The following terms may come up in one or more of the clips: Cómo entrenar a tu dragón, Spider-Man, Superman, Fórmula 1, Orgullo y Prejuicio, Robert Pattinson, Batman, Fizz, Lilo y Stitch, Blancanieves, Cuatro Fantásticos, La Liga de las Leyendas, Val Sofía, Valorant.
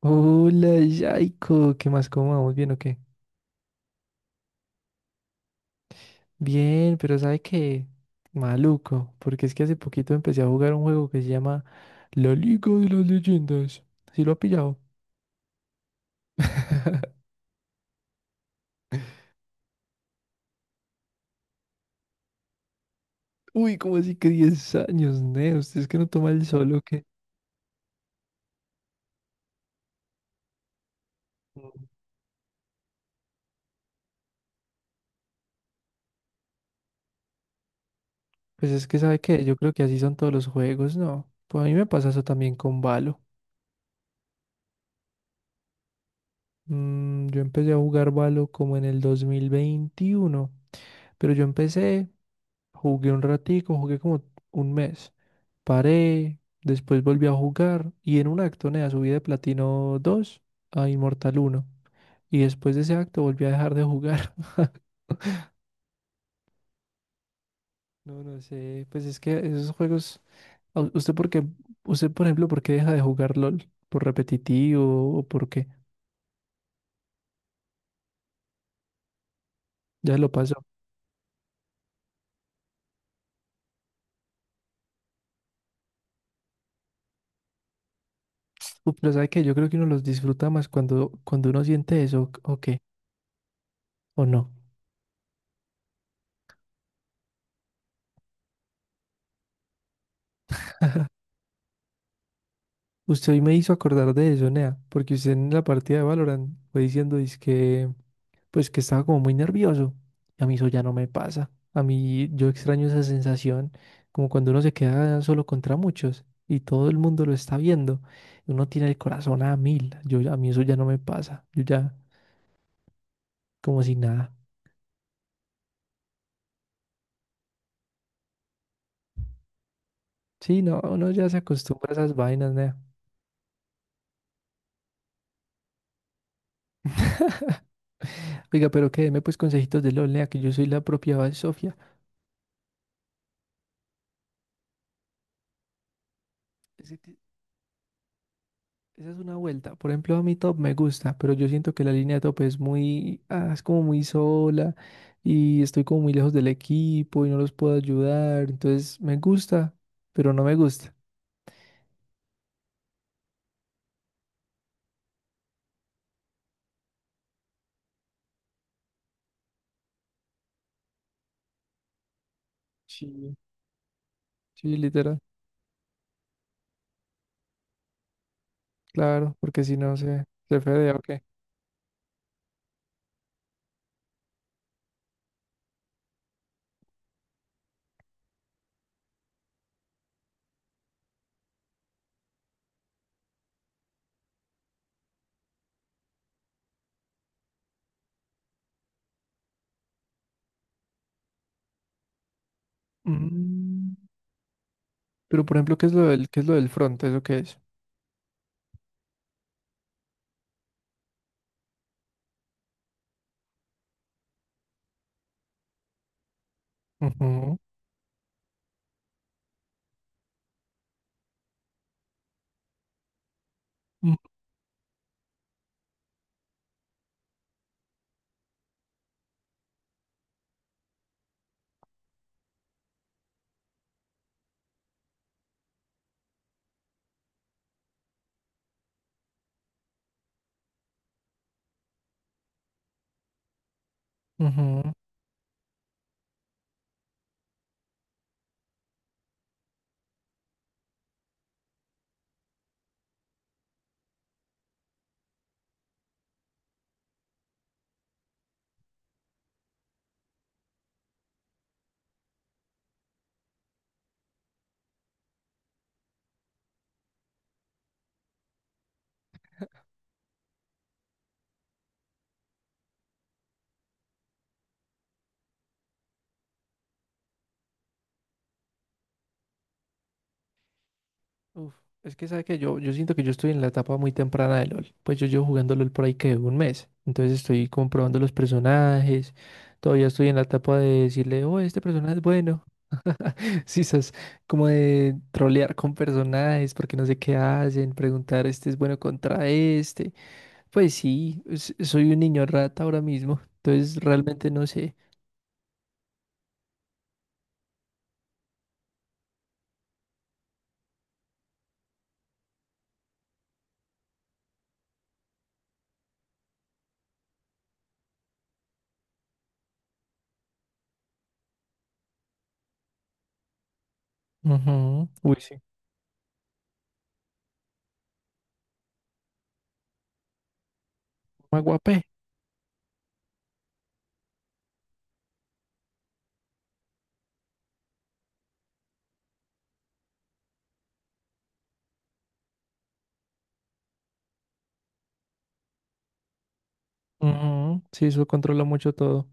Hola, Yaiko, ¿qué más? ¿Cómo vamos? ¿Bien o qué? Bien, pero ¿sabe qué? Maluco, porque es que hace poquito empecé a jugar un juego que se llama La Liga de las Leyendas. ¿Sí lo ha pillado? Uy, ¿cómo así que 10 años, ne? Usted es que no toma el solo, que... Pues es que, ¿sabe qué? Yo creo que así son todos los juegos, ¿no? Pues a mí me pasa eso también con Valo. Yo empecé a jugar Valo como en el 2021, pero yo empecé jugué un ratico, jugué como un mes. Paré, después volví a jugar y en un acto, nea, subí de Platino 2 a Inmortal 1. Y después de ese acto volví a dejar de jugar. No, no sé, pues es que esos juegos, a- usted por qué, usted por ejemplo, ¿por qué deja de jugar LOL? ¿Por repetitivo o por qué? Ya lo pasó. Pero ¿sabe qué? Yo creo que uno los disfruta más cuando, cuando uno siente eso, ¿o qué? ¿O no? Usted hoy me hizo acordar de eso, Nea, porque usted en la partida de Valorant fue diciendo, pues que estaba como muy nervioso. Y a mí eso ya no me pasa. A mí yo extraño esa sensación, como cuando uno se queda solo contra muchos y todo el mundo lo está viendo. Uno tiene el corazón a mil. A mí eso ya no me pasa. Yo ya como si nada. Sí, no, uno ya se acostumbra a esas vainas, nea. Oiga, pero que deme pues consejitos de LOL, nea, que yo soy la propia Val Sofía. Esa es una vuelta. Por ejemplo, a mi top me gusta, pero yo siento que la línea de top es como muy sola y estoy como muy lejos del equipo y no los puedo ayudar. Entonces, me gusta, pero no me gusta. Sí. Sí, literal. Claro, porque si no se fedea o qué. Mm, Pero por ejemplo, ¿qué es lo del front? ¿Eso qué es? Ujú, ujú, ujú. Uf, es que sabe que yo siento que yo estoy en la etapa muy temprana de LOL. Pues yo llevo jugando LOL por ahí que un mes. Entonces estoy comprobando los personajes. Todavía estoy en la etapa de decirle, oh, este personaje es bueno. Sí, esas como de trolear con personajes porque no sé qué hacen, preguntar, este es bueno contra este. Pues sí, soy un niño rata ahora mismo. Entonces realmente no sé. Ujú, Uy, sí. Me guapé. Ujú, Sí, eso controla mucho todo.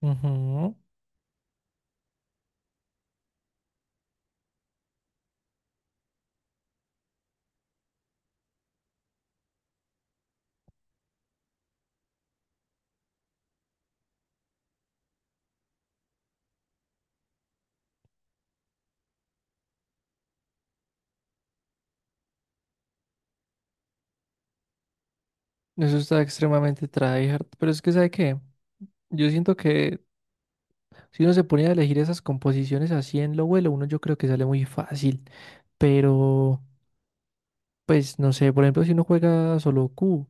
Ujú. Eso está extremadamente tryhard, pero es que ¿sabe qué? Yo siento que si uno se pone a elegir esas composiciones así en lo vuelo, uno yo creo que sale muy fácil, pero pues no sé, por ejemplo, si uno juega solo Q,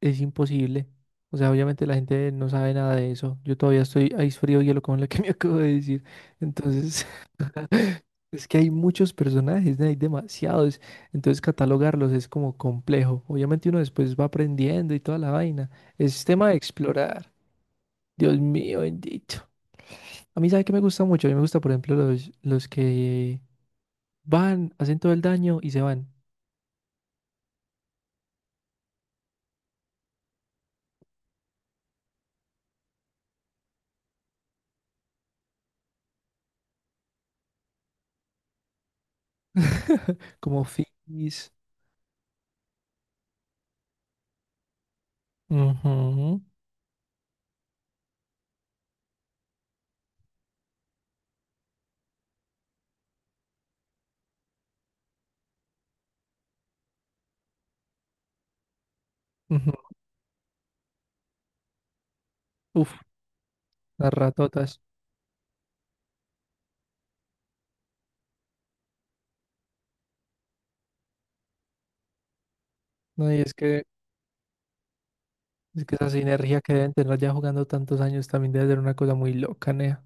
es imposible. O sea, obviamente la gente no sabe nada de eso. Yo todavía estoy ice frío hielo con lo que me acabo de decir. Entonces, es que hay muchos personajes, ¿no? Hay demasiados. Entonces, catalogarlos es como complejo. Obviamente uno después va aprendiendo y toda la vaina. Es tema de explorar. Dios mío, bendito. A mí, ¿sabe qué me gusta mucho? A mí me gusta, por ejemplo, los que van, hacen todo el daño y se van. Como Fizz. Ujú, ujú. Uf, las ratotas. No, y es que esa sinergia que deben tener ya jugando tantos años también debe ser una cosa muy loca, nea.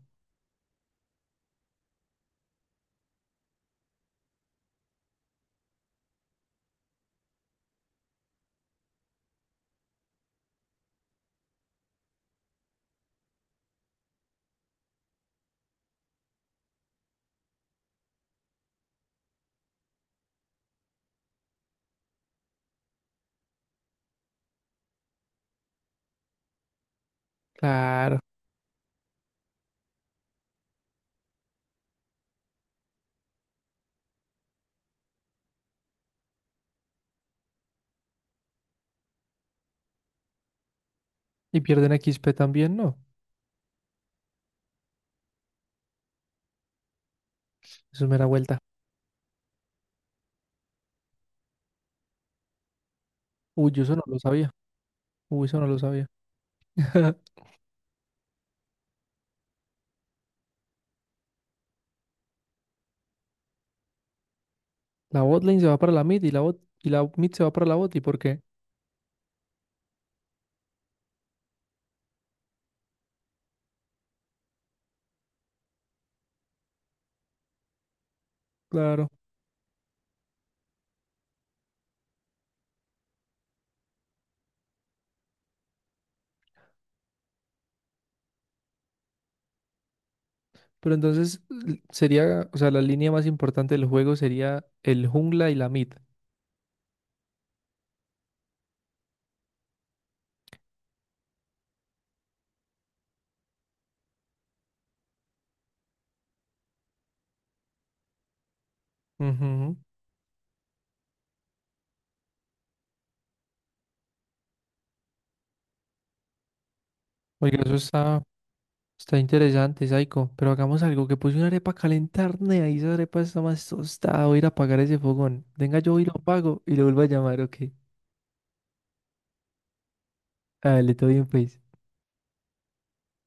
Claro. Y pierden XP también, ¿no? Eso es mera vuelta. Uy, yo eso no lo sabía. Uy, eso no lo sabía. La bot lane se va para la mid y y la mid se va para la bot. ¿Y por qué? Claro. Pero entonces sería, o sea, la línea más importante del juego sería el jungla y la mid. Ujú. Oiga, eso está interesante, Saiko. Pero hagamos algo, que puse una arepa a calentar, nea, y esa arepa está más tostada. Voy a ir a apagar ese fogón. Venga, yo voy y lo apago y lo vuelvo a llamar, ok. Dale, todo bien, pues.